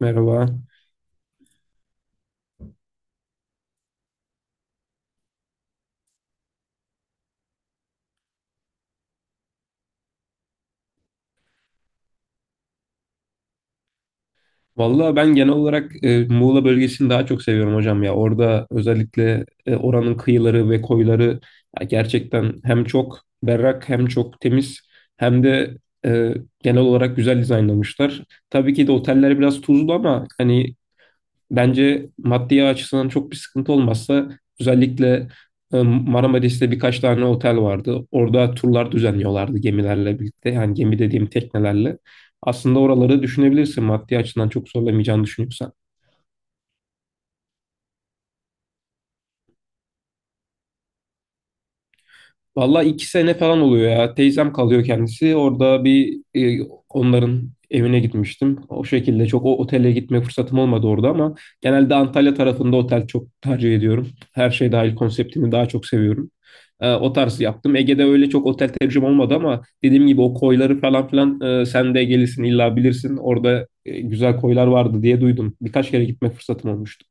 Merhaba. Vallahi ben genel olarak Muğla bölgesini daha çok seviyorum hocam ya. Orada özellikle oranın kıyıları ve koyları ya gerçekten hem çok berrak hem çok temiz hem de e, genel olarak güzel dizaynlamışlar. Tabii ki de oteller biraz tuzlu ama hani bence maddi açısından çok bir sıkıntı olmazsa özellikle Marmaris'te birkaç tane otel vardı. Orada turlar düzenliyorlardı gemilerle birlikte. Yani gemi dediğim teknelerle. Aslında oraları düşünebilirsin maddi açıdan çok zorlamayacağını düşünüyorsan. Valla iki sene falan oluyor ya. Teyzem kalıyor kendisi. Orada bir onların evine gitmiştim. O şekilde çok o otele gitme fırsatım olmadı orada ama genelde Antalya tarafında otel çok tercih ediyorum. Her şey dahil konseptini daha çok seviyorum. O tarz yaptım. Ege'de öyle çok otel tecrübem olmadı ama dediğim gibi o koyları falan filan sen de Ege'lisin illa bilirsin. Orada güzel koylar vardı diye duydum. Birkaç kere gitme fırsatım olmuştu.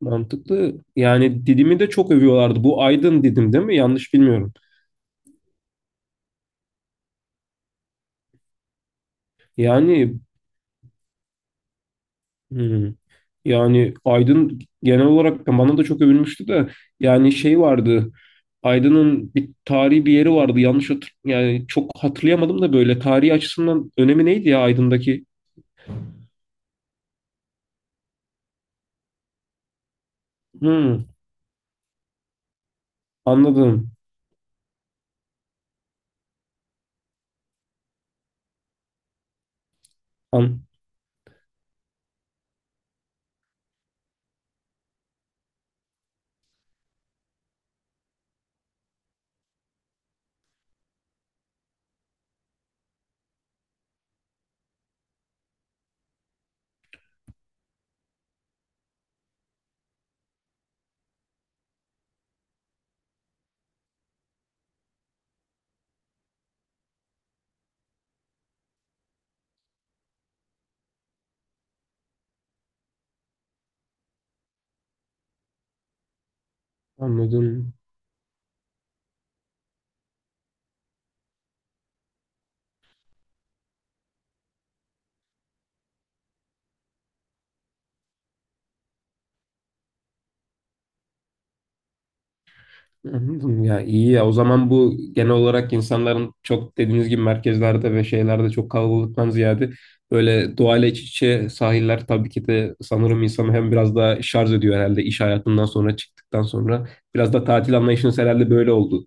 Mantıklı. Yani Didim'i de çok övüyorlardı. Bu Aydın Didim değil mi? Yanlış bilmiyorum. Yani hmm, yani Aydın genel olarak bana da çok övülmüştü de yani şey vardı. Aydın'ın bir tarihi bir yeri vardı. Yanlış hatır yani çok hatırlayamadım da böyle tarihi açısından önemi neydi ya Aydın'daki? Hmm, anladım. An- anladım. Anladım ya, iyi ya, o zaman bu genel olarak insanların çok dediğiniz gibi merkezlerde ve şeylerde çok kalabalıktan ziyade böyle doğayla iç içe sahiller tabii ki de sanırım insanı hem biraz daha şarj ediyor herhalde iş hayatından sonra çıktıktan sonra biraz da tatil anlayışınız herhalde böyle oldu.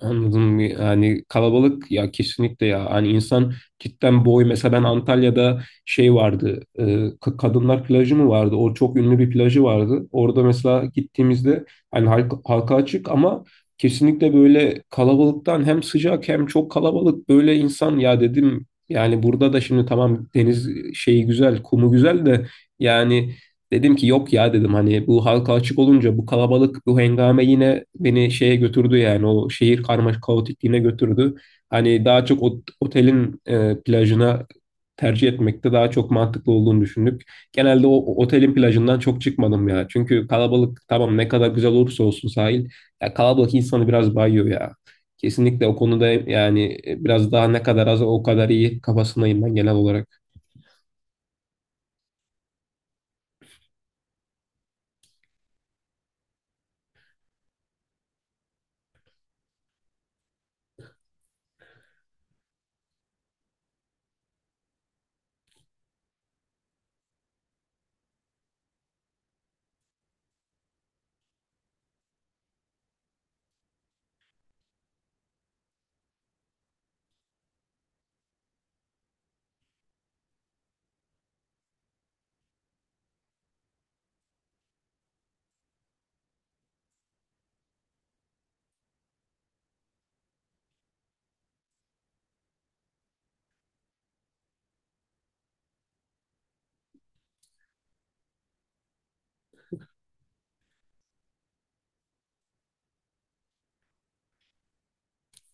Anladım, yani kalabalık ya kesinlikle ya hani insan cidden boy mesela ben Antalya'da şey vardı Kadınlar Plajı mı vardı, o çok ünlü bir plajı vardı orada mesela gittiğimizde hani halka açık ama kesinlikle böyle kalabalıktan hem sıcak hem çok kalabalık böyle insan, ya dedim yani burada da şimdi tamam deniz şeyi güzel kumu güzel de yani dedim ki yok ya, dedim hani bu halka açık olunca bu kalabalık bu hengame yine beni şeye götürdü yani o şehir karmaşık kaotikliğine götürdü. Hani daha çok otelin plajına tercih etmekte daha çok mantıklı olduğunu düşündük. Genelde o otelin plajından çok çıkmadım ya. Çünkü kalabalık tamam ne kadar güzel olursa olsun sahil ya kalabalık insanı biraz bayıyor ya. Kesinlikle o konuda yani biraz daha ne kadar az o kadar iyi kafasındayım ben genel olarak.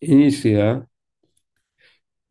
En iyisi ya.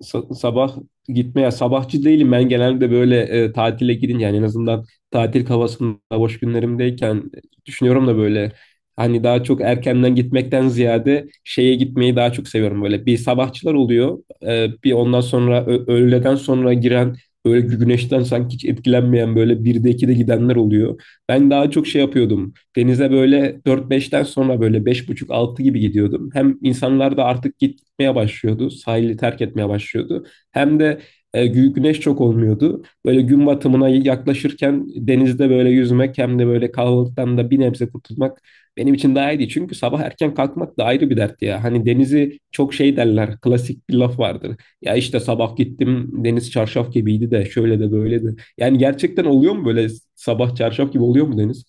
Sabah gitmeye sabahçı değilim ben genelde böyle tatile gidince yani en azından tatil havasında boş günlerimdeyken düşünüyorum da böyle hani daha çok erkenden gitmekten ziyade şeye gitmeyi daha çok seviyorum, böyle bir sabahçılar oluyor. Bir ondan sonra öğleden sonra giren böyle güneşten sanki hiç etkilenmeyen böyle 1'de 2'de gidenler oluyor. Ben daha çok şey yapıyordum. Denize böyle dört beşten sonra böyle beş buçuk altı gibi gidiyordum. Hem insanlar da artık git etmeye başlıyordu. Sahili terk etmeye başlıyordu. Hem de güneş çok olmuyordu. Böyle gün batımına yaklaşırken denizde böyle yüzmek hem de böyle kalabalıktan da bir nebze kurtulmak benim için daha iyiydi. Çünkü sabah erken kalkmak da ayrı bir dert ya. Hani denizi çok şey derler. Klasik bir laf vardır. Ya işte sabah gittim deniz çarşaf gibiydi de şöyle de böyle de. Yani gerçekten oluyor mu böyle, sabah çarşaf gibi oluyor mu deniz?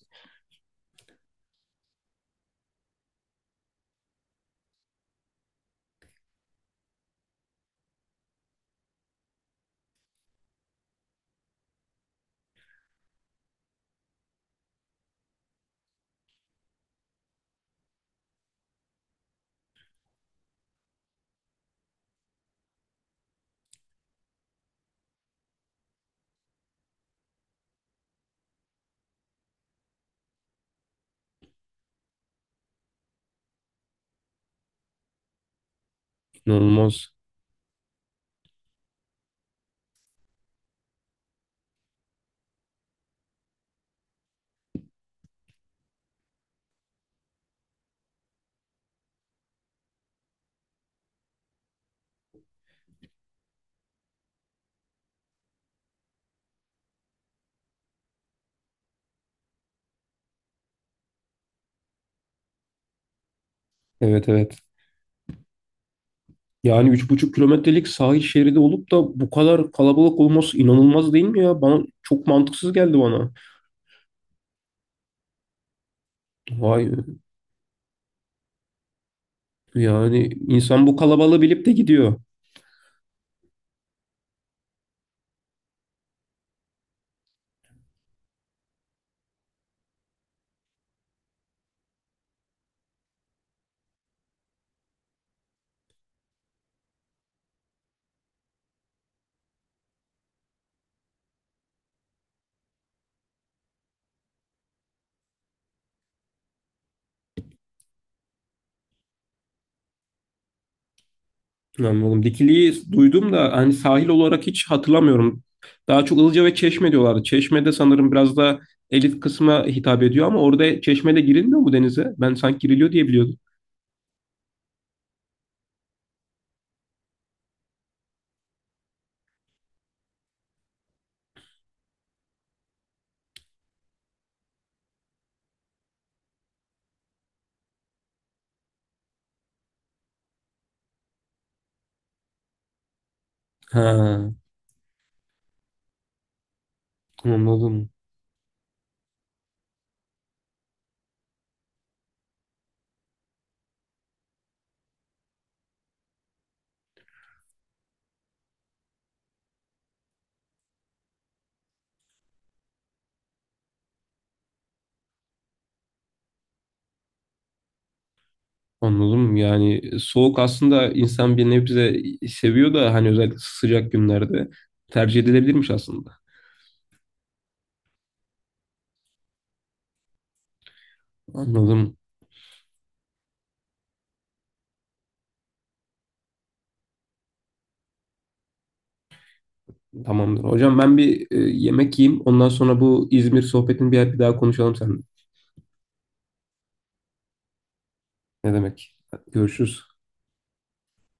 İnanılmaz. Evet, evet. Yani üç buçuk kilometrelik sahil şeridi olup da bu kadar kalabalık olması inanılmaz değil mi ya? Bana çok mantıksız geldi bana. Vay, yani insan bu kalabalığı bilip de gidiyor. Anladım. Dikili'yi duydum da hani sahil olarak hiç hatırlamıyorum. Daha çok Ilıca ve Çeşme diyorlardı. Çeşme'de sanırım biraz da elit kısma hitap ediyor ama orada Çeşme'de girilmiyor mu denize? Ben sanki giriliyor diye biliyordum. Ha, anladım. Anladım. Yani soğuk aslında insan bir nebze seviyor da hani özellikle sıcak günlerde tercih edilebilirmiş aslında. Anladım. Tamamdır. Hocam ben bir yemek yiyeyim. Ondan sonra bu İzmir sohbetini bir daha konuşalım seninle. Ne demek? Görüşürüz.